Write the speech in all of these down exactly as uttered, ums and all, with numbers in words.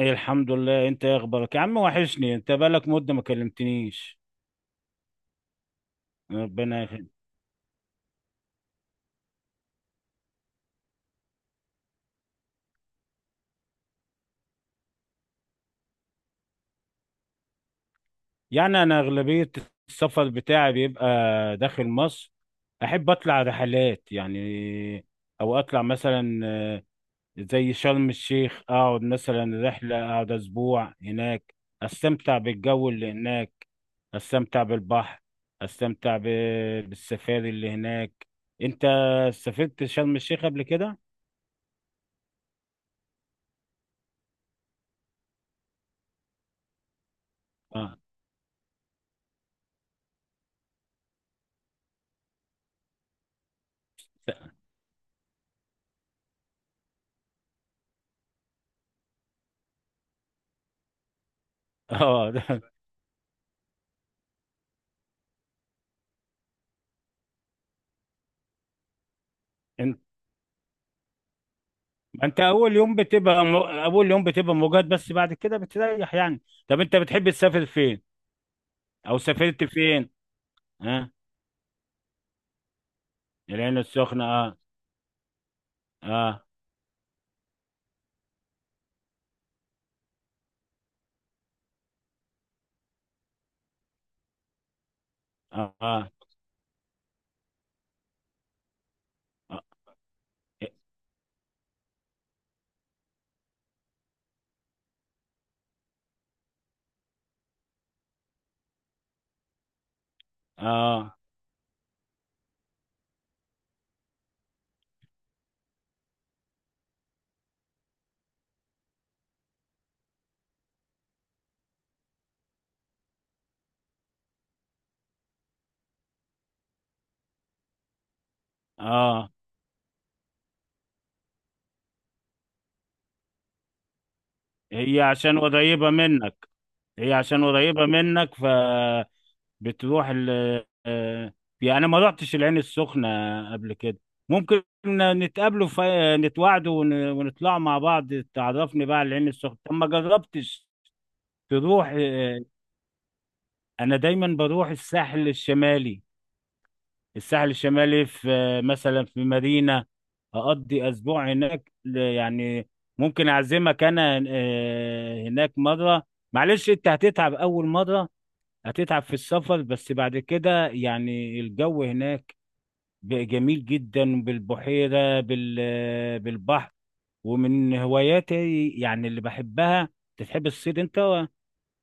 ايه، الحمد لله. انت ايه اخبارك يا عم؟ وحشني، انت بقالك مدة ما كلمتنيش. ربنا يخليك. يعني انا اغلبية السفر بتاعي بيبقى داخل مصر. احب اطلع رحلات يعني، او اطلع مثلا آه، زي شرم الشيخ، اقعد مثلا رحلة، اقعد اسبوع هناك، استمتع بالجو اللي هناك، استمتع بالبحر، استمتع ب- بالسفاري اللي هناك. انت سافرت شرم الشيخ قبل كده؟ اه. اه. ما انت اول يوم بتبقى م... اول يوم بتبقى مجهد، بس بعد كده بتريح يعني. طب انت بتحب تسافر فين، او سافرت فين؟ ها. العين السخنة، اه. اه. اه. اه. اه. آه. آه. هي عشان قريبة منك هي عشان قريبة منك فبتروح. ال آه، يعني أنا ما رحتش العين السخنة قبل كده. ممكن نتقابلوا، في نتواعدوا ون- ونطلع مع بعض، تعرفني بقى على العين السخنة. طب ما جربتش تروح؟ آه، انا دايما بروح الساحل الشمالي. الساحل الشمالي في آه، مثلا في مارينا، اقضي اسبوع هناك. ل- يعني ممكن اعزمك انا آه، هناك مره. معلش انت هتتعب اول مره، هتتعب في السفر، بس بعد كده يعني الجو هناك بقى جميل جدا بالبحيره بال آه، بالبحر، ومن هواياتي يعني اللي بحبها. تحب الصيد انت؟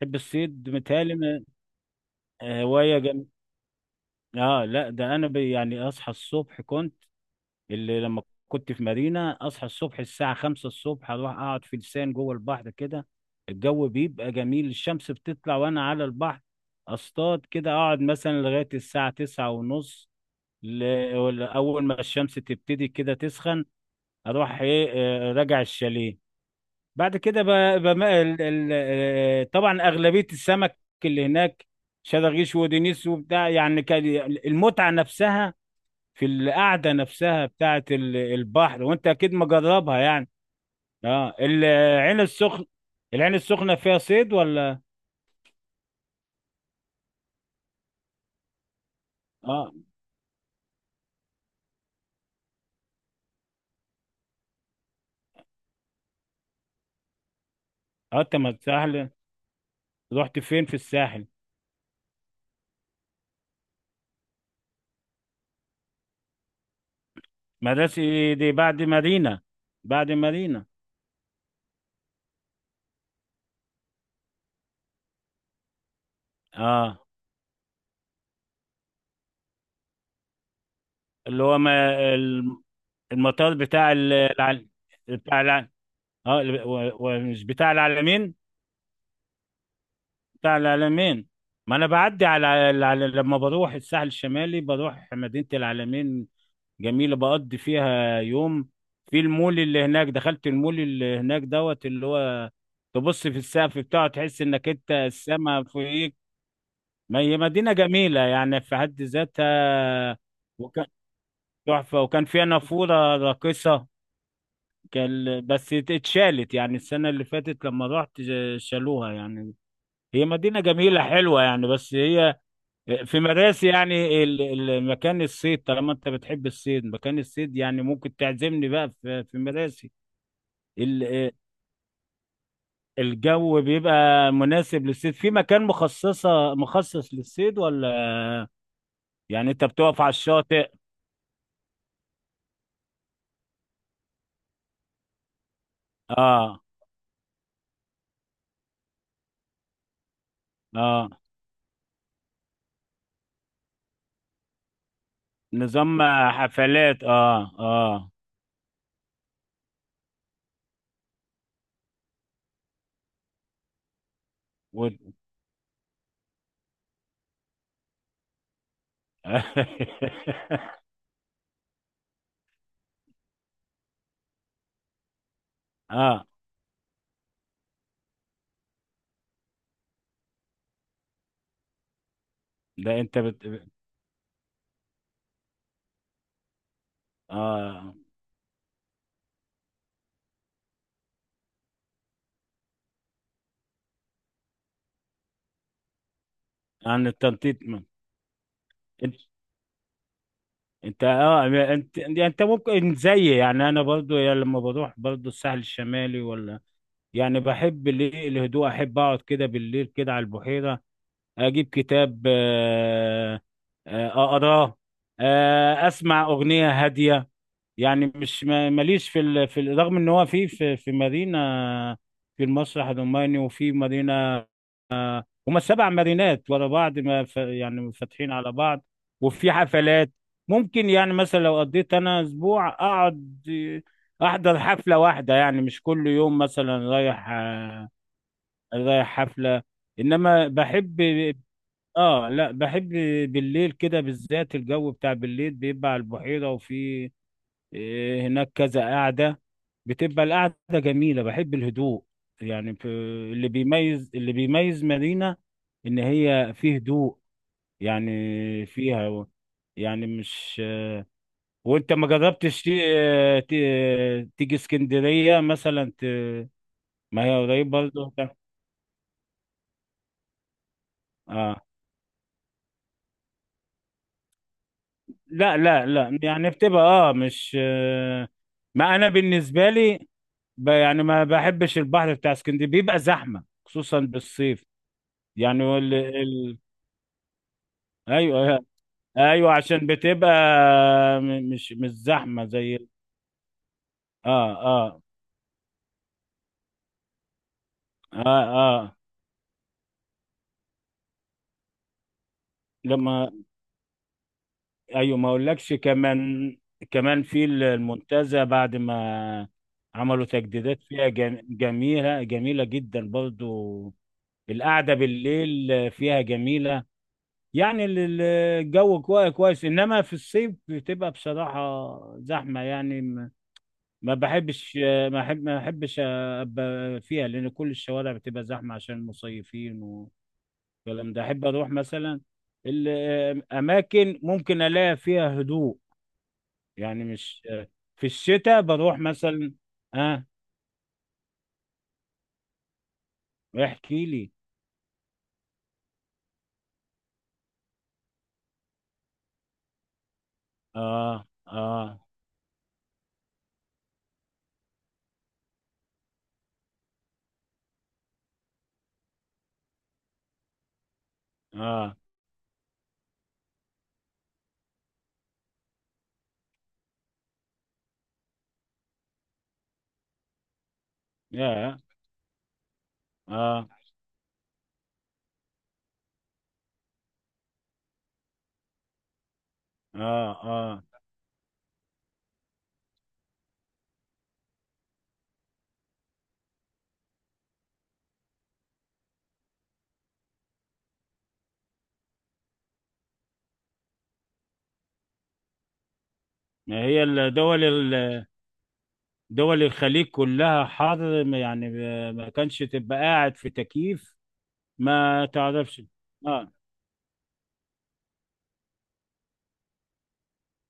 تحب الصيد متهيألي؟ هوايه. اه، لا، ده انا بي يعني اصحى الصبح كنت. اللي لما كنت في مارينا اصحى الصبح الساعة خمسة الصبح، اروح اقعد في لسان جوه البحر كده. الجو بيبقى جميل، الشمس بتطلع وانا على البحر، اصطاد كده. اقعد مثلا لغاية الساعة تسعة ونص، ل- ولا اول ما الشمس تبتدي كده تسخن اروح ايه آه، راجع الشاليه. بعد كده ب- بم- ال- ال- آه، طبعا اغلبية السمك اللي هناك شراغيش ودنيس وبتاع، يعني كان المتعة نفسها في القعده نفسها بتاعه ال- البحر، وانت اكيد مجربها يعني. اه. العين السخن العين السخنه فيها صيد ولا؟ اه اه. انت ما الساحل رحت فين في الساحل؟ مدرسة دي بعد مارينا، بعد مارينا اه. اللي هو ما الم- المطار بتاع ال- العل... بتاع الع... اه، ال- و- ومش بتاع العلمين؟ بتاع العلمين. ما انا بعدي على على- لما بروح الساحل الشمالي، بروح مدينة العلمين. جميلة، بقضي فيها يوم في المول اللي هناك. دخلت المول اللي هناك دوت، اللي هو تبص في السقف بتاعه تحس انك انت السما فوقيك. ما هي مدينة جميلة يعني في حد ذاتها. وكان تحفة، وكان فيها نافورة راقصة. كان بس اتشالت يعني السنة اللي فاتت لما رحت شالوها يعني. هي مدينة جميلة حلوة يعني، بس هي في مراسي يعني ال- ال- مكان الصيد، طالما انت بتحب الصيد. مكان الصيد يعني ممكن تعزمني بقى في في مراسي. ال- الجو بيبقى مناسب للصيد، في مكان مخصصة مخصص للصيد، ولا يعني انت بتقف على الشاطئ؟ اه اه. نظام حفلات، اه اه، و... اه، ده انت بت... اه، عن التنطيط. انت، اه يعني انت، يعني انت ممكن زي يعني انا برضو. يعني لما بروح برضو الساحل الشمالي ولا، يعني بحب الايه الهدوء، احب اقعد كده بالليل كده على البحيرة، اجيب كتاب آه، آه، اقراه، آه، اسمع اغنية هادية. يعني مش ما- ماليش في ال... في ال- رغم ان هو في في في مارينا، في المسرح الروماني، وفي مارينا، هما السبع مارينات ورا بعض ما ف... يعني فاتحين على بعض، وفي حفلات. ممكن يعني مثلا لو قضيت انا اسبوع اقعد، آه، احضر حفلة واحدة، يعني مش كل يوم مثلا رايح آه، رايح حفلة. انما بحب. اه لا، بحب بالليل كده بالذات. الجو بتاع بالليل بيبقى على البحيرة، وفي إيه، هناك كذا قاعدة، بتبقى القعدة جميلة، بحب الهدوء يعني. ب- اللي بيميز اللي بيميز مارينا إن هي فيه هدوء، يعني فيها، يعني مش. وانت ما جربتش تي- ت- تيجي اسكندرية مثلا؟ ت... ما هي قريب برضه. اه. لا لا لا، يعني بتبقى اه مش آه، ما انا بالنسبة لي، ب- يعني ما بحبش البحر بتاع اسكندرية، بيبقى زحمة خصوصا بالصيف يعني. ال... ال... ايوه، ايوه، أيوه، عشان بتبقى م- مش مش زحمه زي ال- اه اه اه اه. لما ايوه، ما اقولكش كمان، كمان في ال- المنتزه بعد ما عملوا تجديدات فيها جم- جميله، جميله جدا برضو. القعده بالليل فيها جميله يعني، ال- ال- الجو كويس كويس، انما في الصيف بتبقى بصراحه زحمه يعني. ما بحبش، ما احب ما احبش ابقى فيها، لان كل الشوارع بتبقى زحمه عشان المصيفين والكلام ده. احب اروح مثلا الاماكن ممكن الاقي فيها هدوء، يعني مش. في الشتاء بروح مثلا. اه، احكي لي. اه اه اه، يا، اه اه اه. ما هي الدول ال- دول الخليج كلها حر يعني. ما كانش تبقى قاعد في تكييف، ما تعرفش؟ اه.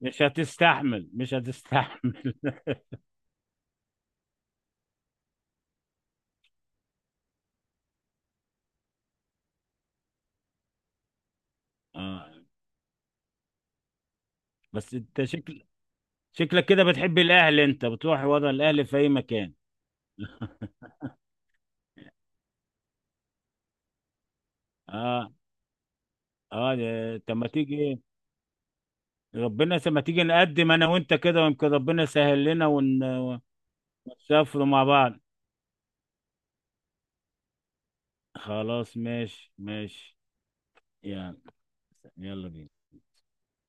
مش هتستحمل، مش هتستحمل. اه، بس انت شكل شكلك كده بتحب الاهل، انت بتروح ورا الاهل في اي مكان. اه اه، ده- طب ما تيجي. ربنا س- ما تيجي نقدم انا وانت كده، ويمكن ربنا يسهل لنا ون... ونسافروا مع بعض. خلاص، ماشي ماشي. يعني يلا بينا.